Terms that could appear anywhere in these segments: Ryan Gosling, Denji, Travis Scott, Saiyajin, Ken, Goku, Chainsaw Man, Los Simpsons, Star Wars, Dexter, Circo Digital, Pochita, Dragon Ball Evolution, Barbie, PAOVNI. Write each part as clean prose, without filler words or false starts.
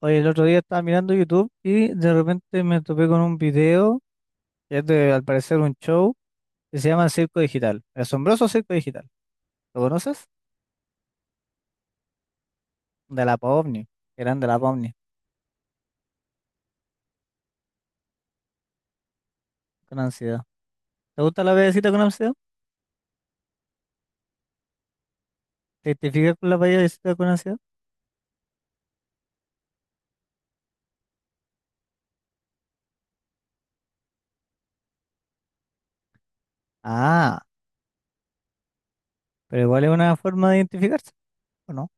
Oye, el otro día estaba mirando YouTube y de repente me topé con un video, que es al parecer un show, que se llama Circo Digital, el asombroso Circo Digital. ¿Lo conoces? De la PAOVNI, eran de la PAOVNI, con ansiedad. ¿Te gusta la payasita con ansiedad? ¿Te identificas con la payasita con ansiedad? Ah, pero igual es una forma de identificarse, ¿o no?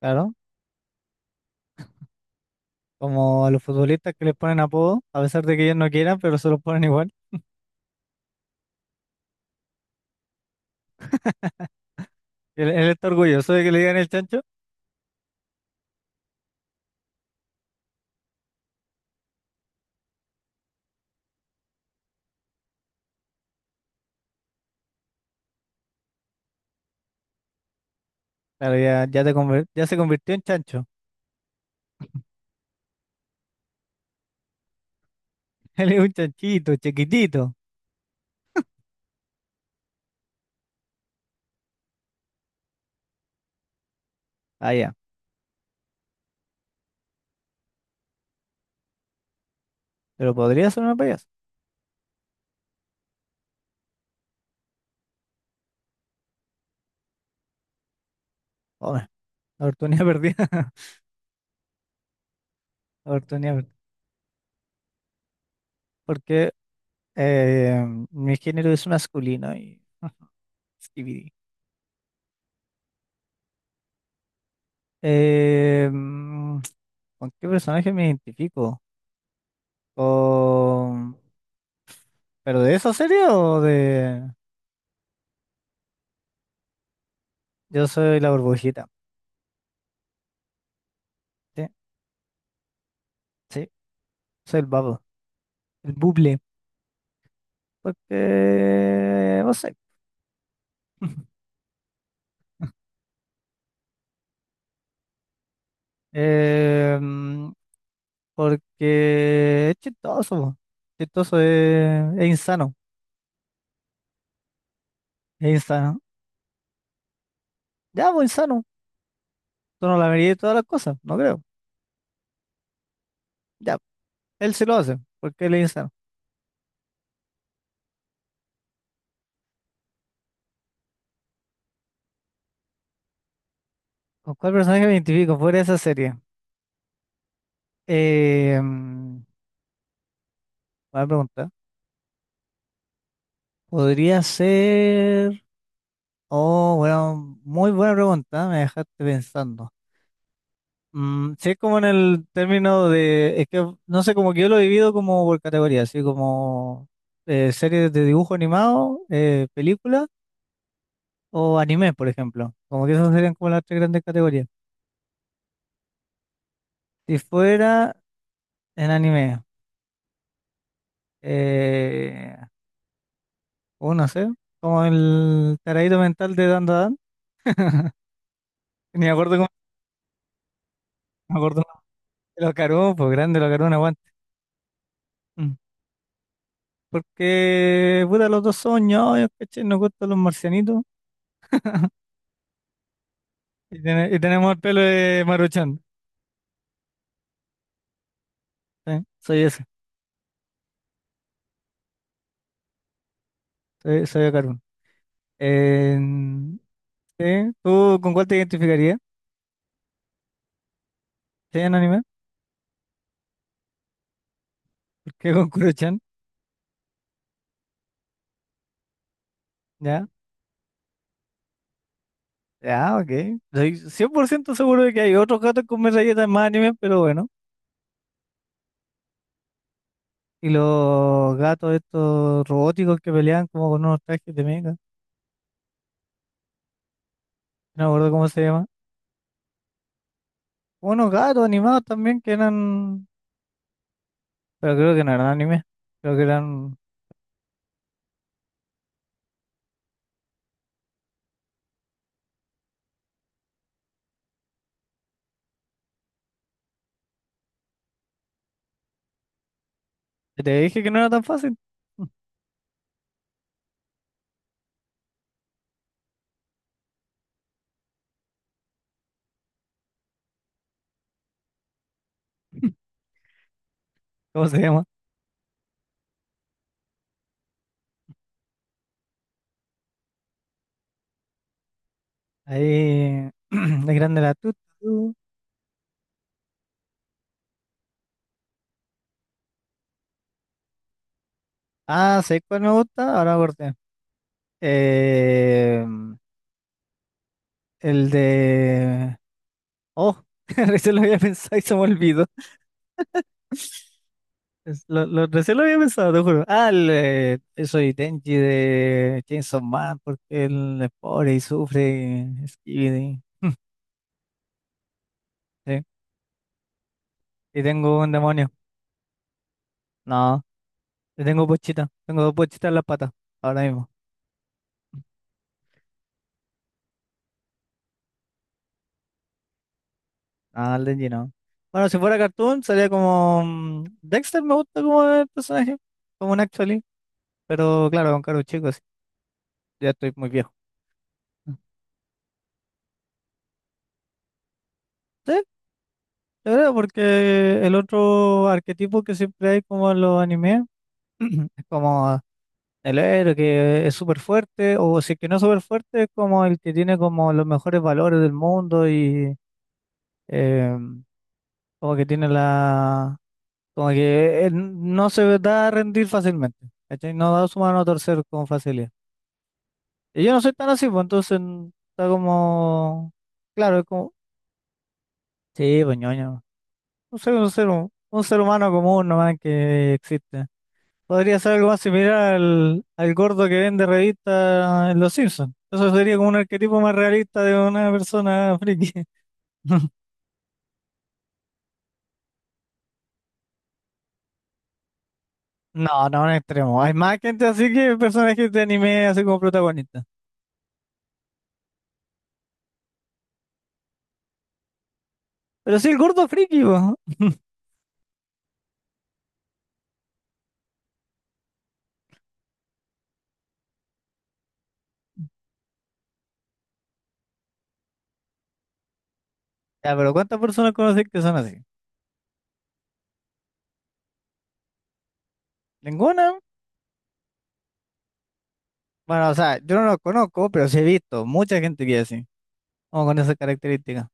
Claro, como a los futbolistas que les ponen apodo, a pesar de que ellos no quieran, pero se los ponen igual. Él está orgulloso de que le digan el chancho. Claro, ya, ya, ya se convirtió en chancho. Él es un chanchito, chiquitito. Ah, ya. Pero podría ser una payasa. Hombre, oportunidad perdida. Oportunidad perdida. Porque eh, mi género es masculino y. Skibidi. Eh, mm, ¿Con qué personaje me identifico? Con- ¿Pero de esa serie o de? Yo soy la burbujita. Sí, sí. Soy el babo. El buble. Porque. No sé. Em, porque es chistoso, po. Chistoso es insano, es insano. Ya, pues insano. Tú no la verías de todas las cosas, no creo. Ya, él sí lo hace, porque él es insano. ¿Con cuál personaje me identifico fuera de esa serie? Eh, mm, buena pregunta. Podría ser. Oh, bueno, muy buena pregunta, me dejaste pensando. Sí, es como en el término de. Es que no sé, como que yo lo he vivido como por categoría, así como series de dibujo animado, películas o anime, por ejemplo. Como que esas serían como las tres grandes categorías. Si fuera en anime, eh, o no sé, como el taradito mental de Dan Dan, ni me acuerdo cómo, me acuerdo de los Cartoon, pues grande los Cartoon, aguante. Mm. Porque, puta, los dos son ñoños, ¿cachai? Nos gustan los marcianitos y tenemos el pelo de Maruchan. ¿Sí? Soy ese, soy de Cartoon. En- ¿Sí? ¿Tú con cuál te identificarías? ¿Sí, en anime? ¿Por qué con Kuruchan? Ya, ok. Soy 100% seguro de que hay otros gatos con metralletas en más anime, pero bueno. Y los gatos estos robóticos que peleaban como con unos trajes de mecha. No me acuerdo cómo se llama. Unos gatos animados también que eran... Pero creo que no eran anime. Creo que eran... Te dije que no era tan fácil. ¿Cómo se llama? Ahí... De grande la tutu. Ah, ¿sabes cuál me gusta? Ahora corté. Eh, el de... Oh, recién lo había pensado y se me olvidó. Recién lo había pensado, te juro. Ah, soy Denji de Chainsaw Man porque él es pobre y sufre y- sí. Y tengo un demonio. No, yo tengo pochita. Tengo dos pochitas en las patas ahora mismo. Ah, el Denji no. Bueno, si fuera cartoon sería como Dexter, me gusta como el personaje, como un actually. Pero claro, con caros chicos, ya estoy muy viejo. Sí, ¿de verdad? Porque el otro arquetipo que siempre hay como en los animes. Es como el héroe que es súper fuerte, o si es que no es súper fuerte, es como el que tiene como los mejores valores del mundo y eh, como que tiene la... Como que no se da a rendir fácilmente, ¿cachai? No da su mano a torcer con facilidad. Y yo no soy tan así, pues entonces está como... Claro, es como... Sí, pues ñoño. Un ser, un ser, un ser humano común nomás que existe. Podría ser algo más similar al gordo que vende revistas en Los Simpsons. Eso sería como un arquetipo más realista de una persona friki. No, no, un extremo. Hay más gente así que personajes de anime así como protagonistas. Pero sí, el gordo friki, po. Ya, pero ¿cuántas personas conoces que son así? ¿Ninguna? Bueno, o sea, yo no los conozco, pero sí he visto mucha gente que es así, como con esas características.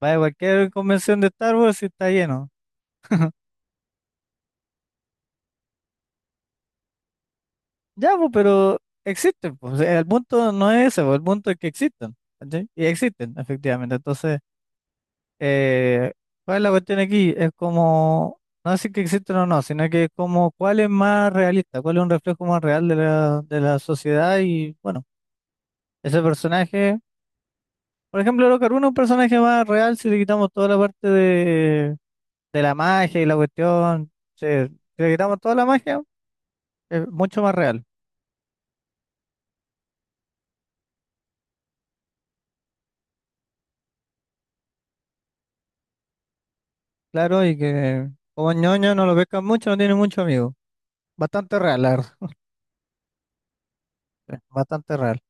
Vaya, cualquier convención de Star Wars y está lleno. Ya, pues, pero existen, pues. El punto no es ese, pues, el punto es que existen, ¿cachai? Y existen, efectivamente. Entonces, eh, ¿cuál es la cuestión aquí? Es como, no decir que existen o no, sino que es como cuál es más realista, cuál es un reflejo más real de la sociedad y, bueno, ese personaje, por ejemplo, Locaruna es un personaje más real si le quitamos toda la parte de la magia y la cuestión, sí, si le quitamos toda la magia, es mucho más real. Claro, y que como ñoño no lo pescan mucho, no tiene mucho amigo. Bastante real, la verdad, bastante real.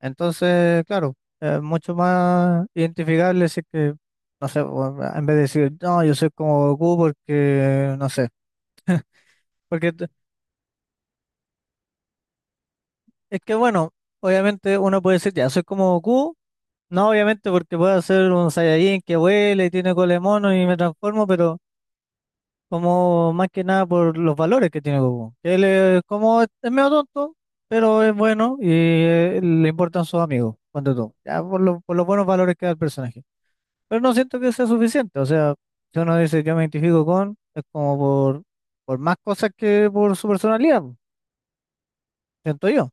Entonces, claro, es mucho más identificable si es que, no sé, o, ah, en vez de decir, no, yo soy como Goku porque, no sé, porque t- es que bueno, obviamente uno puede decir, ya, soy como Goku, no obviamente porque puedo ser un Saiyajin que vuela y tiene cola de mono y me transformo, pero como más que nada por los valores que tiene Goku. Él es como es medio tonto, pero es bueno y le importan sus amigos, cuando todo. Ya por los buenos valores que da el personaje. Pero no siento que sea suficiente, o sea, si uno dice yo me identifico con, es como por, más cosas que por su personalidad, po, siento yo.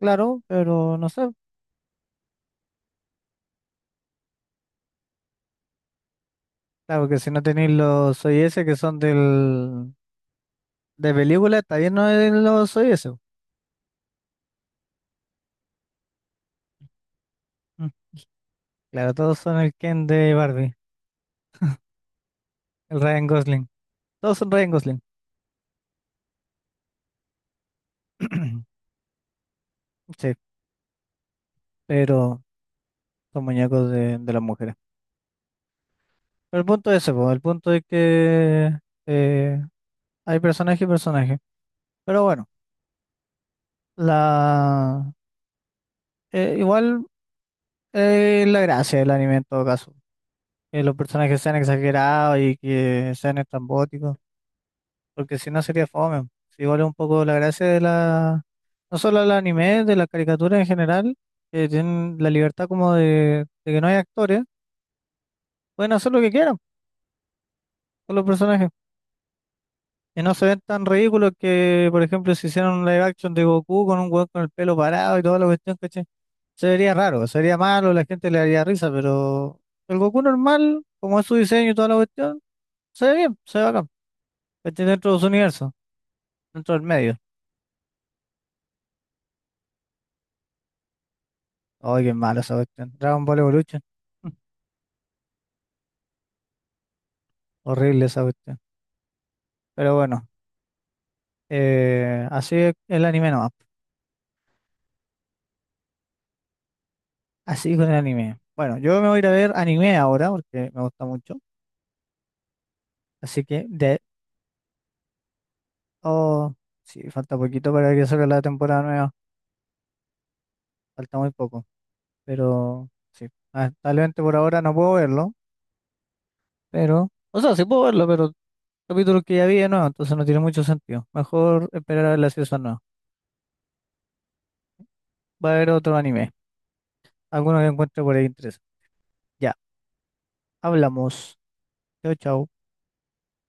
Claro, pero no sé. Claro que si no tenéis los OIS que son de película, está bien no es los OIS. Mm, Claro, todos son el Ken de Barbie, el Ryan Gosling. Todos son Ryan Gosling. Sí, pero son muñecos de las mujeres. Pero el punto es ese, po, el punto es que eh, hay personaje y personaje. Pero bueno, la igual, la gracia del anime en todo caso. Que los personajes sean exagerados y que sean estrambóticos. Porque si no sería fome. Si igual es un poco la gracia de no solo del anime, de la caricatura en general, que tienen la libertad como de que no hay actores, pueden hacer lo que quieran con los personajes. Y no se ven tan ridículos que, por ejemplo, si hicieran un live action de Goku con un weón con el pelo parado y toda la cuestión, ¿cachai? Se vería raro, se vería malo, la gente le daría risa, pero el Goku normal, como es su diseño y toda la cuestión, se ve bien, se ve bacán, ¿cachai? Dentro de su universo, dentro del medio. Ay, qué malo esa cuestión. Dragon Ball Evolution, horrible esa cuestión. Pero bueno, así es el anime nomás, así con el anime. Bueno, yo me voy a ir a ver anime ahora porque me gusta mucho. Así que de Oh, sí, falta poquito para que salga la temporada nueva. Falta muy poco. Pero sí, lamentablemente por ahora no puedo verlo. Pero, o sea, sí puedo verlo, pero capítulos que ya vi de nuevo, entonces no tiene mucho sentido. Mejor esperar a ver la season nueva. Va a haber otro anime. Alguno que encuentre por ahí interés. Ya, hablamos. Chao, chao.